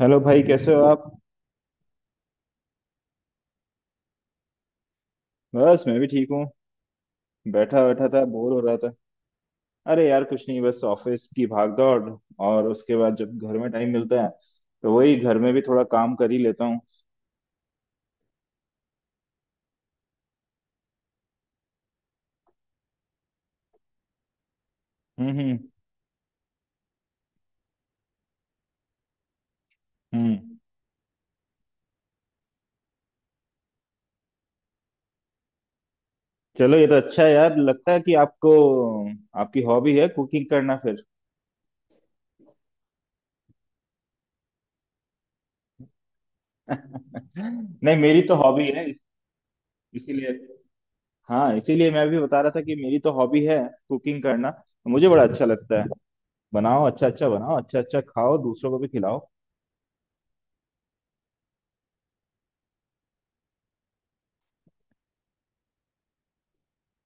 Hello भाई, कैसे हो आप? बस मैं भी ठीक हूँ। बैठा बैठा था, बोर हो रहा था। अरे यार, कुछ नहीं, बस ऑफिस की भागदौड़। और उसके बाद जब घर में टाइम मिलता है तो वही घर में भी थोड़ा काम कर ही लेता हूँ। हम्म, हम्म, हम्म। चलो ये तो अच्छा है यार, लगता है कि आपको, आपकी हॉबी है कुकिंग करना फिर। नहीं, मेरी तो हॉबी है इसीलिए, हाँ इसीलिए मैं भी बता रहा था कि मेरी तो हॉबी है कुकिंग करना। मुझे बड़ा अच्छा लगता है। बनाओ, अच्छा अच्छा बनाओ, अच्छा अच्छा खाओ, दूसरों को भी खिलाओ।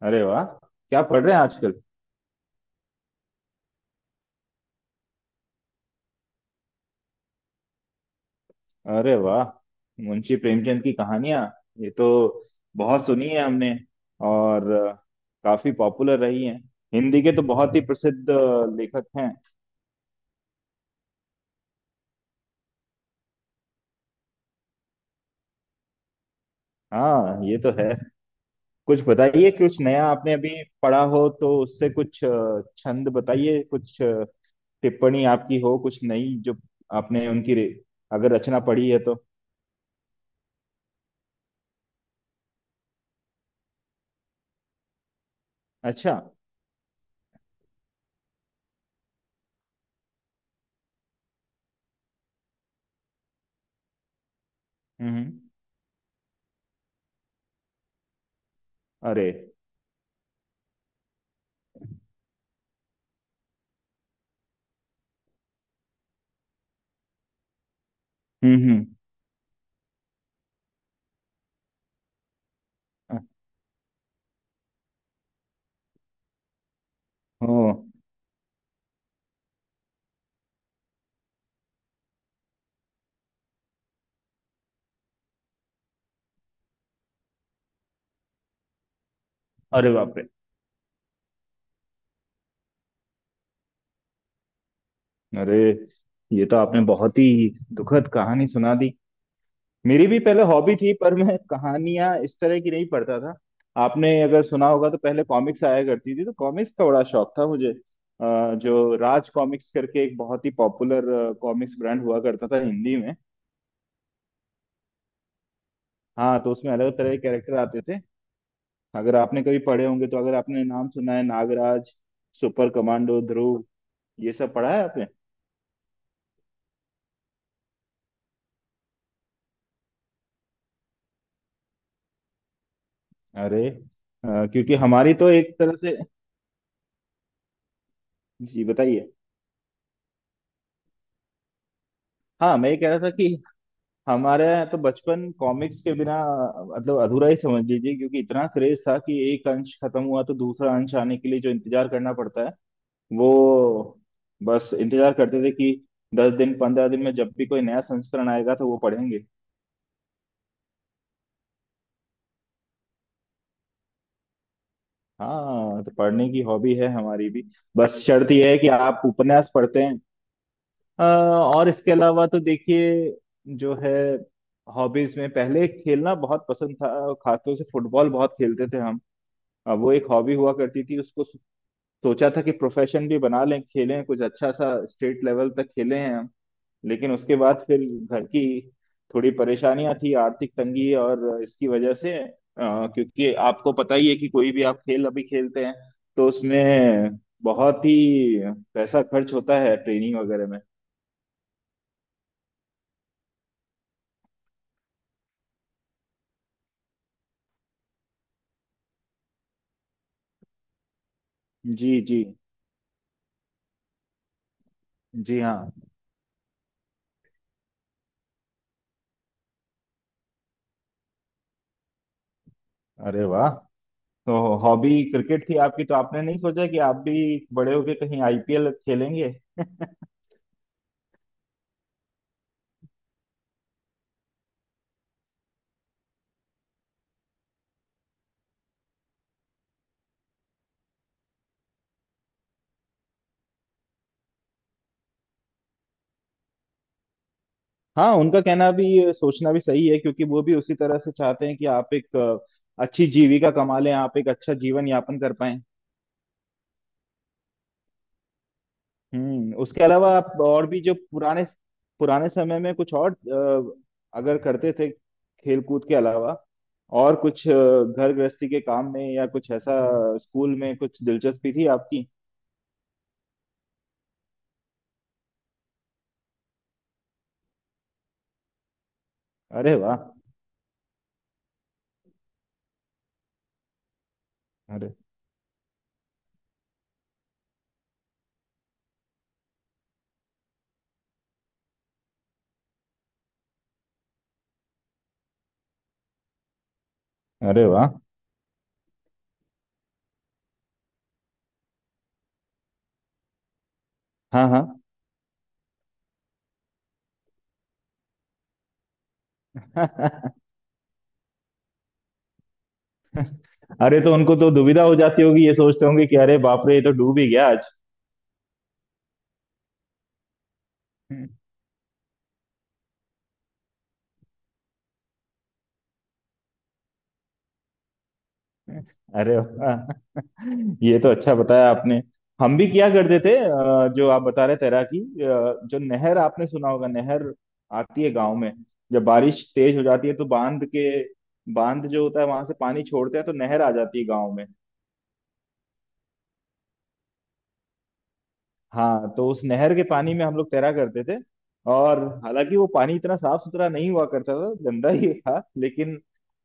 अरे वाह! क्या पढ़ रहे हैं आजकल? अरे वाह! मुंशी प्रेमचंद की कहानियां ये तो बहुत सुनी है हमने। और काफी पॉपुलर रही हैं। हिंदी के तो बहुत ही प्रसिद्ध लेखक हैं। हाँ, ये तो है। कुछ बताइए, कुछ नया आपने अभी पढ़ा हो तो उससे कुछ छंद बताइए, कुछ टिप्पणी आपकी हो कुछ नई, जो आपने उनकी अगर रचना पढ़ी है तो। अच्छा। हम्म, अरे! हम्म, हम्म, ओ। अरे बाप रे! अरे, ये तो आपने बहुत ही दुखद कहानी सुना दी। मेरी भी पहले हॉबी थी पर मैं कहानियां इस तरह की नहीं पढ़ता था। आपने अगर सुना होगा तो पहले कॉमिक्स आया करती थी, तो कॉमिक्स का बड़ा शौक था मुझे जो राज कॉमिक्स करके एक बहुत ही पॉपुलर कॉमिक्स ब्रांड हुआ करता था हिंदी में। हाँ, तो उसमें अलग तरह के कैरेक्टर आते थे। अगर आपने कभी पढ़े होंगे तो, अगर आपने नाम सुना है, नागराज, सुपर कमांडो ध्रुव, ये सब पढ़ा है आपने? अरे क्योंकि हमारी तो एक तरह से। जी बताइए। हाँ, मैं ये कह रहा था कि हमारे यहाँ तो बचपन कॉमिक्स के बिना मतलब अधूरा ही समझ लीजिए, क्योंकि इतना क्रेज था कि एक अंश खत्म हुआ तो दूसरा अंश आने के लिए जो इंतजार करना पड़ता है वो, बस इंतजार करते थे कि दस दिन पंद्रह दिन में जब भी कोई नया संस्करण आएगा तो वो पढ़ेंगे। हाँ, तो पढ़ने की हॉबी है हमारी भी। बस शर्त यह है कि आप उपन्यास पढ़ते हैं। और इसके अलावा तो देखिए, जो है हॉबीज में, पहले खेलना बहुत पसंद था, खासतौर से फुटबॉल बहुत खेलते थे। अब वो एक हॉबी हुआ करती थी, उसको सोचा था कि प्रोफेशन भी बना लें, खेलें कुछ अच्छा सा, स्टेट लेवल तक खेले हैं हम। लेकिन उसके बाद फिर घर की थोड़ी परेशानियां थी, आर्थिक तंगी, और इसकी वजह से क्योंकि आपको पता ही है कि कोई भी आप खेल अभी खेलते हैं तो उसमें बहुत ही पैसा खर्च होता है, ट्रेनिंग वगैरह में। जी जी, जी हाँ। अरे वाह! तो हॉबी क्रिकेट थी आपकी, तो आपने नहीं सोचा कि आप भी बड़े होके कहीं आईपीएल खेलेंगे? हाँ, उनका कहना भी, सोचना भी सही है, क्योंकि वो भी उसी तरह से चाहते हैं कि आप एक अच्छी जीविका कमा लें, आप एक अच्छा जीवन यापन कर पाएं। उसके अलावा आप और भी जो पुराने, पुराने समय में कुछ और अगर करते थे खेल कूद के अलावा, और कुछ घर गृहस्थी के काम में या कुछ ऐसा, स्कूल में कुछ दिलचस्पी थी आपकी? अरे वाह! अरे! अरे वाह! हाँ हाँ। अरे, तो उनको तो दुविधा हो जाती होगी, ये सोचते होंगे कि अरे बाप रे, ये तो डूब ही गया आज। अरे वाह! ये तो अच्छा बताया आपने। हम भी क्या करते थे जो आप बता रहे, तैराकी, जो नहर आपने सुना होगा, नहर आती है गांव में। जब बारिश तेज हो जाती है तो बांध जो होता है वहां से पानी छोड़ते हैं तो नहर आ जाती है गांव में। हाँ, तो उस नहर के पानी में हम लोग तैरा करते थे। और हालांकि वो पानी इतना साफ सुथरा नहीं हुआ करता था, गंदा ही था, लेकिन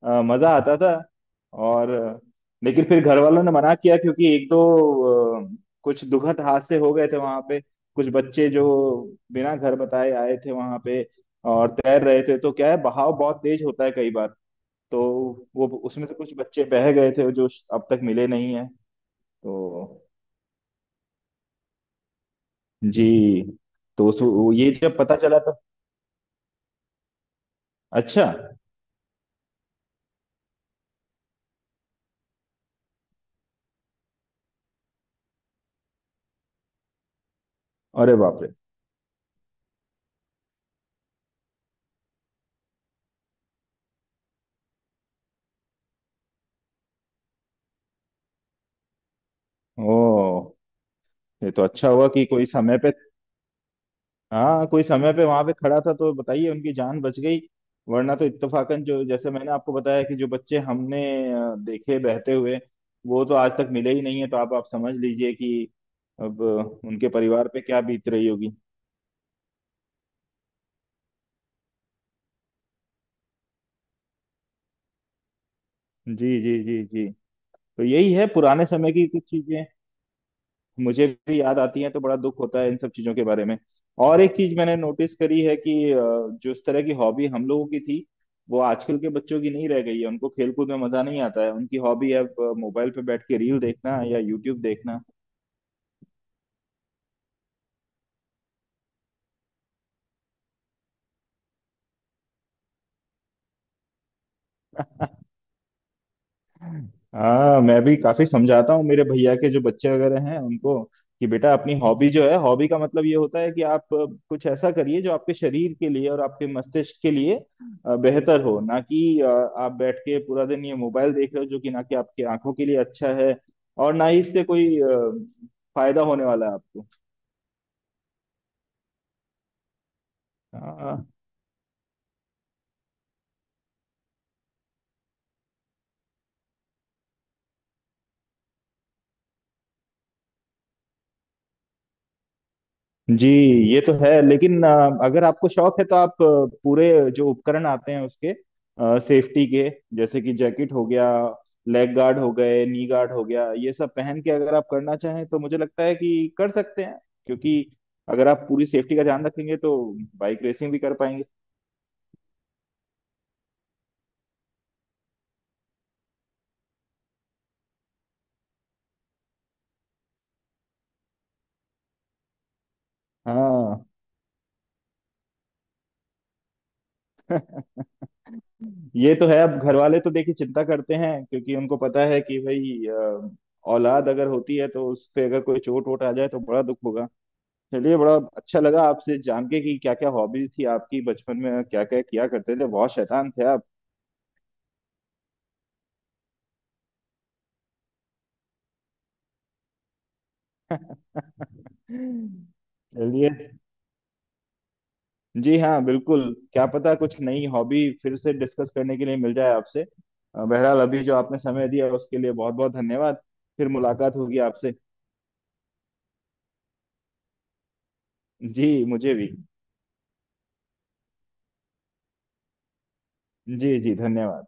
मजा आता था। और लेकिन फिर घर वालों ने मना किया, क्योंकि एक दो अ, कुछ दुखद हादसे हो गए थे वहां पे। कुछ बच्चे जो बिना घर बताए आए थे वहां पे और तैर रहे थे, तो क्या है, बहाव बहुत तेज होता है कई बार। तो वो उसमें से कुछ बच्चे बह गए थे जो अब तक मिले नहीं है। तो जी, तो उस, वो, ये जब पता चला तो। अच्छा। अरे बाप रे, ओ। ये तो अच्छा हुआ कि कोई समय पे, हाँ कोई समय पे वहां पे खड़ा था, तो बताइए उनकी जान बच गई। वरना तो इत्तफाकन, जो जैसे मैंने आपको बताया कि जो बच्चे हमने देखे बहते हुए, वो तो आज तक मिले ही नहीं है, तो आप समझ लीजिए कि अब उनके परिवार पे क्या बीत रही होगी। जी जी, जी जी। तो यही है पुराने समय की कुछ चीजें, मुझे भी याद आती है तो बड़ा दुख होता है इन सब चीजों के बारे में। और एक चीज मैंने नोटिस करी है कि जो इस तरह की हॉबी हम लोगों की थी वो आजकल के बच्चों की नहीं रह गई है, उनको खेल कूद में मजा नहीं आता है, उनकी हॉबी है मोबाइल पे बैठ के रील देखना या यूट्यूब देखना। हाँ, मैं भी काफी समझाता हूँ मेरे भैया के जो बच्चे वगैरह हैं उनको, कि बेटा अपनी हॉबी जो है, हॉबी का मतलब ये होता है कि आप कुछ ऐसा करिए जो आपके शरीर के लिए और आपके मस्तिष्क के लिए बेहतर हो, ना कि आप बैठ के पूरा दिन ये मोबाइल देख रहे हो, जो कि ना कि आपकी आंखों के लिए अच्छा है और ना ही इससे कोई फायदा होने वाला है आपको। हाँ, जी। ये तो है, लेकिन अगर आपको शौक है तो आप पूरे जो उपकरण आते हैं उसके, सेफ्टी के, जैसे कि जैकेट हो गया, लेग गार्ड हो गए, नी गार्ड हो गया, ये सब पहन के अगर आप करना चाहें तो मुझे लगता है कि कर सकते हैं, क्योंकि अगर आप पूरी सेफ्टी का ध्यान रखेंगे तो बाइक रेसिंग भी कर पाएंगे। हाँ। ये तो है, अब घर वाले तो देखिए चिंता करते हैं, क्योंकि उनको पता है कि भाई औलाद अगर होती है तो उस पे अगर कोई चोट वोट आ जाए तो बड़ा दुख होगा। चलिए, बड़ा अच्छा लगा आपसे जान के कि क्या क्या हॉबीज थी आपकी बचपन में, क्या क्या किया करते थे, बहुत शैतान थे आप। चलिए, जी हाँ बिल्कुल। क्या पता कुछ नई हॉबी फिर से डिस्कस करने के लिए मिल जाए आपसे। बहरहाल, अभी जो आपने समय दिया उसके लिए बहुत बहुत धन्यवाद। फिर मुलाकात होगी आपसे। जी, मुझे भी। जी जी, धन्यवाद।